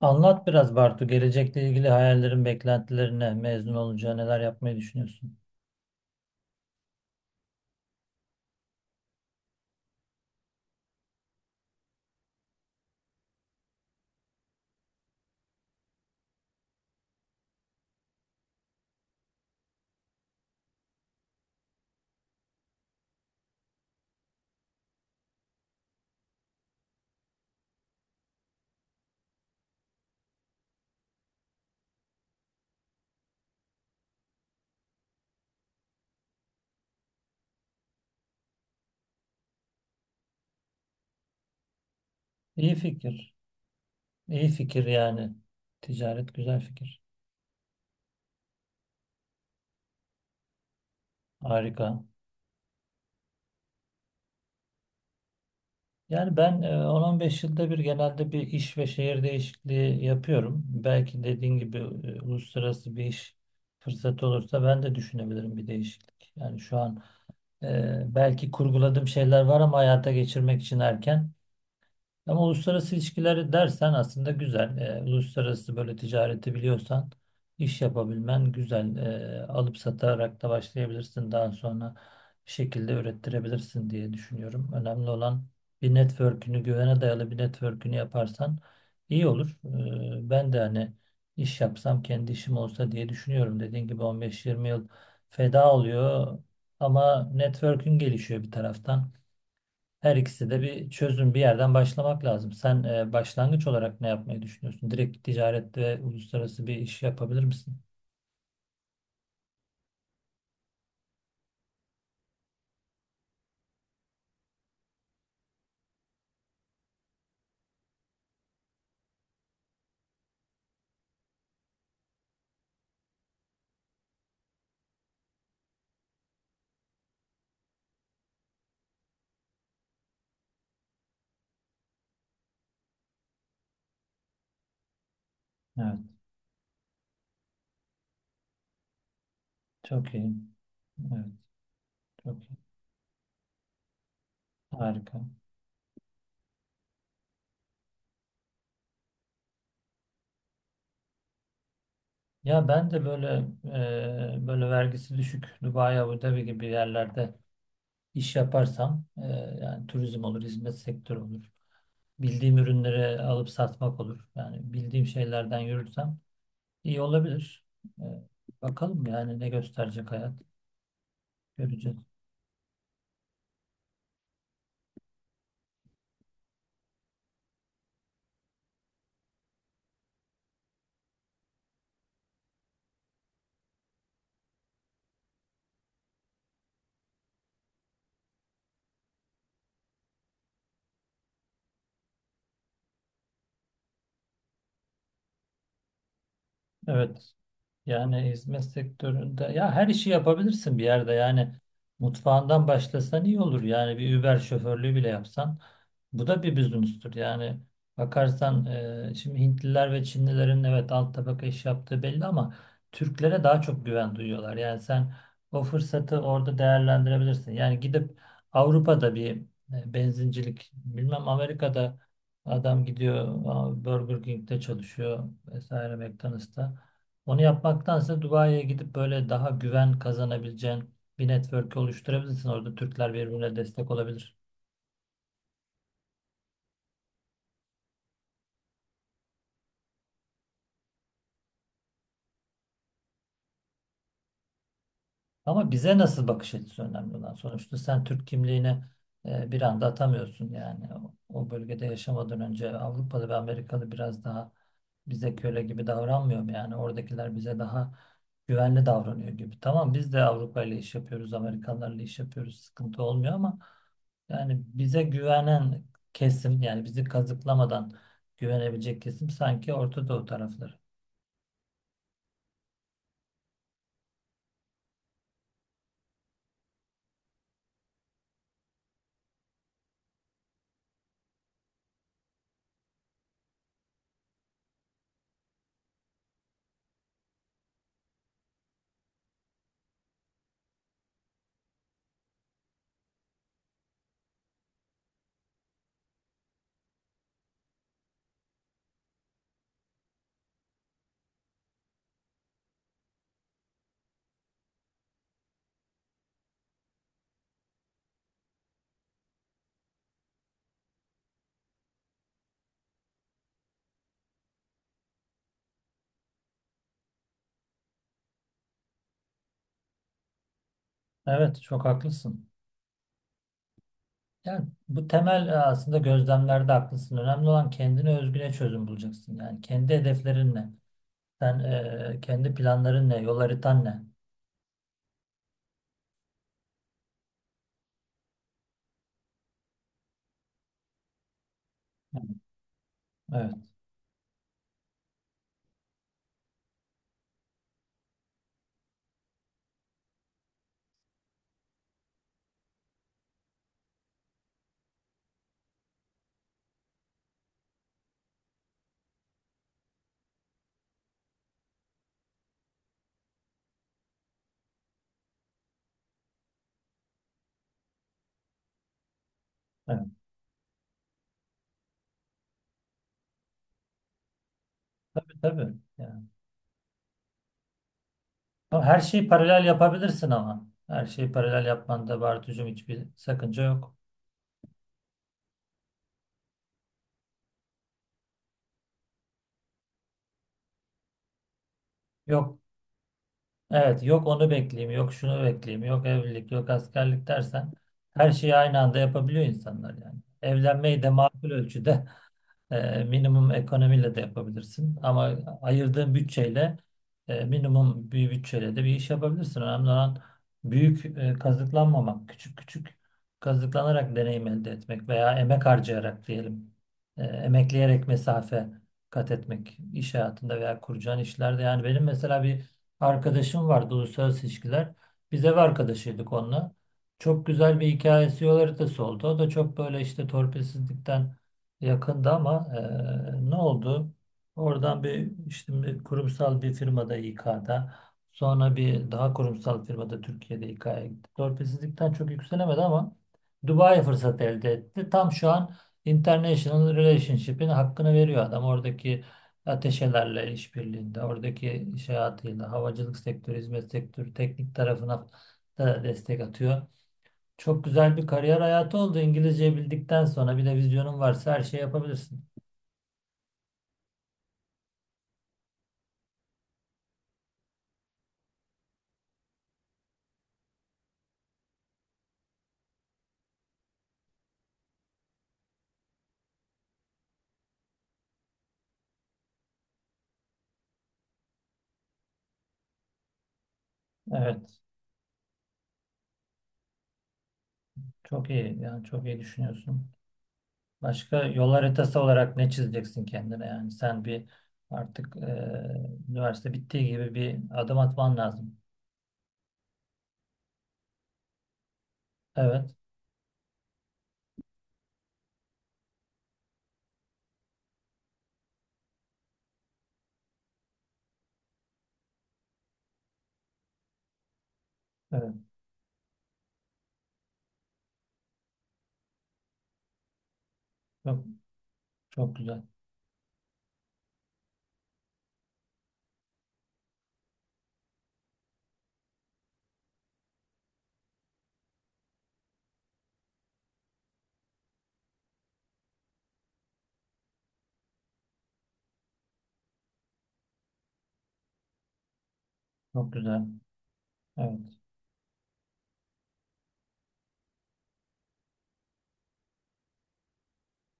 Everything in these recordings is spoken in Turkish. Anlat biraz Bartu, gelecekle ilgili hayallerin, beklentilerine, mezun olunca neler yapmayı düşünüyorsun? İyi fikir. İyi fikir yani. Ticaret güzel fikir. Harika. Yani ben 10-15 yılda bir genelde bir iş ve şehir değişikliği yapıyorum. Belki dediğin gibi uluslararası bir iş fırsatı olursa ben de düşünebilirim bir değişiklik. Yani şu an belki kurguladığım şeyler var ama hayata geçirmek için erken. Ama uluslararası ilişkileri dersen aslında güzel. Uluslararası böyle ticareti biliyorsan iş yapabilmen güzel. Alıp satarak da başlayabilirsin. Daha sonra bir şekilde ürettirebilirsin diye düşünüyorum. Önemli olan bir network'ünü, güvene dayalı bir network'ünü yaparsan iyi olur. Ben de hani iş yapsam kendi işim olsa diye düşünüyorum. Dediğin gibi 15-20 yıl feda oluyor ama network'ün gelişiyor bir taraftan. Her ikisi de bir çözüm, bir yerden başlamak lazım. Sen başlangıç olarak ne yapmayı düşünüyorsun? Direkt ticaret ve uluslararası bir iş yapabilir misin? Evet, çok iyi. Evet, çok iyi. Harika. Ya ben de böyle böyle vergisi düşük Dubai, Abu Dhabi gibi yerlerde iş yaparsam yani turizm olur, hizmet sektörü olur. Bildiğim ürünleri alıp satmak olur. Yani bildiğim şeylerden yürürsem iyi olabilir. E, Bakalım yani ne gösterecek hayat. Göreceğiz. Evet. Yani hizmet sektöründe ya her işi yapabilirsin bir yerde yani mutfağından başlasan iyi olur yani bir Uber şoförlüğü bile yapsan bu da bir business'tür yani bakarsan şimdi Hintliler ve Çinlilerin evet alt tabaka iş yaptığı belli ama Türklere daha çok güven duyuyorlar yani sen o fırsatı orada değerlendirebilirsin yani gidip Avrupa'da bir benzincilik bilmem Amerika'da adam gidiyor Burger King'de çalışıyor vesaire McDonald's'ta. Onu yapmaktansa Dubai'ye gidip böyle daha güven kazanabileceğin bir network oluşturabilirsin. Orada Türkler birbirine destek olabilir. Ama bize nasıl bakış açısı önemli olan. Sonuçta sen Türk kimliğini bir anda atamıyorsun yani. O bölgede yaşamadan önce Avrupalı ve Amerikalı biraz daha bize köle gibi davranmıyor mu? Yani oradakiler bize daha güvenli davranıyor gibi. Tamam biz de Avrupa ile iş yapıyoruz, Amerikanlarla iş yapıyoruz. Sıkıntı olmuyor ama yani bize güvenen kesim yani bizi kazıklamadan güvenebilecek kesim sanki Orta Doğu tarafları. Evet, çok haklısın. Yani bu temel aslında gözlemlerde haklısın. Önemli olan kendine özgüne çözüm bulacaksın. Yani kendi hedeflerin ne? Sen kendi planların ne? Yol haritan ne? Hı. Evet, evet. Tabii tabii. Yani. Ama her şeyi paralel yapabilirsin ama. Her şeyi paralel yapmanda Bartucuğum hiçbir sakınca yok. Yok. Evet, yok onu bekleyeyim, yok şunu bekleyeyim, yok evlilik, yok askerlik dersen her şeyi aynı anda yapabiliyor insanlar yani. Evlenmeyi de makul ölçüde minimum ekonomiyle de yapabilirsin. Ama ayırdığın bütçeyle minimum bir bütçeyle de bir iş yapabilirsin. Önemli olan büyük kazıklanmamak, küçük küçük kazıklanarak deneyim elde etmek veya emek harcayarak diyelim. Emekleyerek mesafe kat etmek iş hayatında veya kuracağın işlerde. Yani benim mesela bir arkadaşım vardı uluslararası ilişkiler. Biz ev arkadaşıydık onunla. Çok güzel bir hikayesi yol haritası oldu. O da çok böyle işte torpilsizlikten yakında ama ne oldu? Oradan bir işte bir kurumsal bir firmada İK'da sonra bir daha kurumsal firmada Türkiye'de İK'ya gitti. Torpilsizlikten çok yükselemedi ama Dubai fırsat elde etti. Tam şu an International Relationship'in hakkını veriyor adam. Oradaki ateşelerle işbirliğinde, oradaki iş hayatıyla, havacılık sektörü, hizmet sektörü, teknik tarafına da destek atıyor. Çok güzel bir kariyer hayatı oldu. İngilizce bildikten sonra bir de vizyonun varsa her şeyi yapabilirsin. Evet. Çok iyi. Yani çok iyi düşünüyorsun. Başka yol haritası olarak ne çizeceksin kendine? Yani sen bir artık üniversite bittiği gibi bir adım atman lazım. Evet. Evet. Çok, çok güzel. Çok güzel. Evet.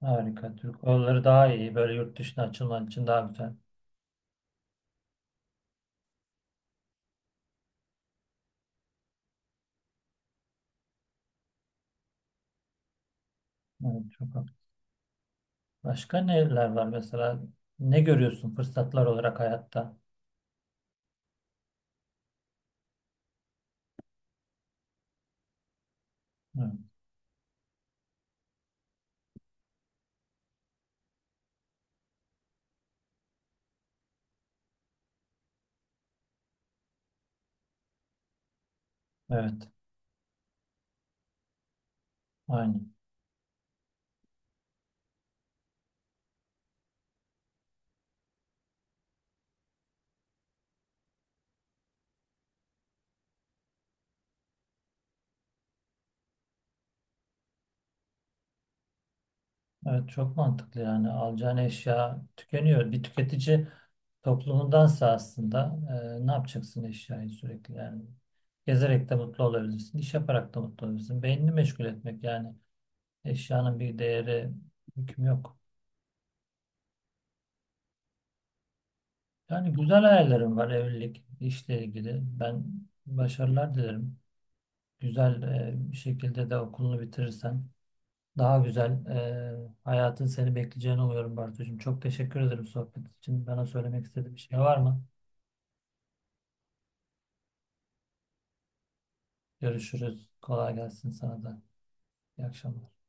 Harika. Türk yolları daha iyi. Böyle yurt dışına açılman için daha güzel. Evet. Çok haklı. Başka neler var mesela? Ne görüyorsun fırsatlar olarak hayatta? Evet. Evet. Aynen. Evet, çok mantıklı yani alacağın eşya tükeniyor. Bir tüketici toplumundansa aslında ne yapacaksın eşyayı sürekli yani. Gezerek de mutlu olabilirsin, iş yaparak da mutlu olabilirsin. Beynini meşgul etmek yani eşyanın bir değeri, hükmü yok. Yani güzel hayallerim var evlilik, işle ilgili. Ben başarılar dilerim. Güzel bir şekilde de okulunu bitirirsen. Daha güzel hayatın seni bekleyeceğini umuyorum Bartucuğum. Çok teşekkür ederim sohbet için. Bana söylemek istediğin bir şey var mı? Görüşürüz. Kolay gelsin sana da. İyi akşamlar.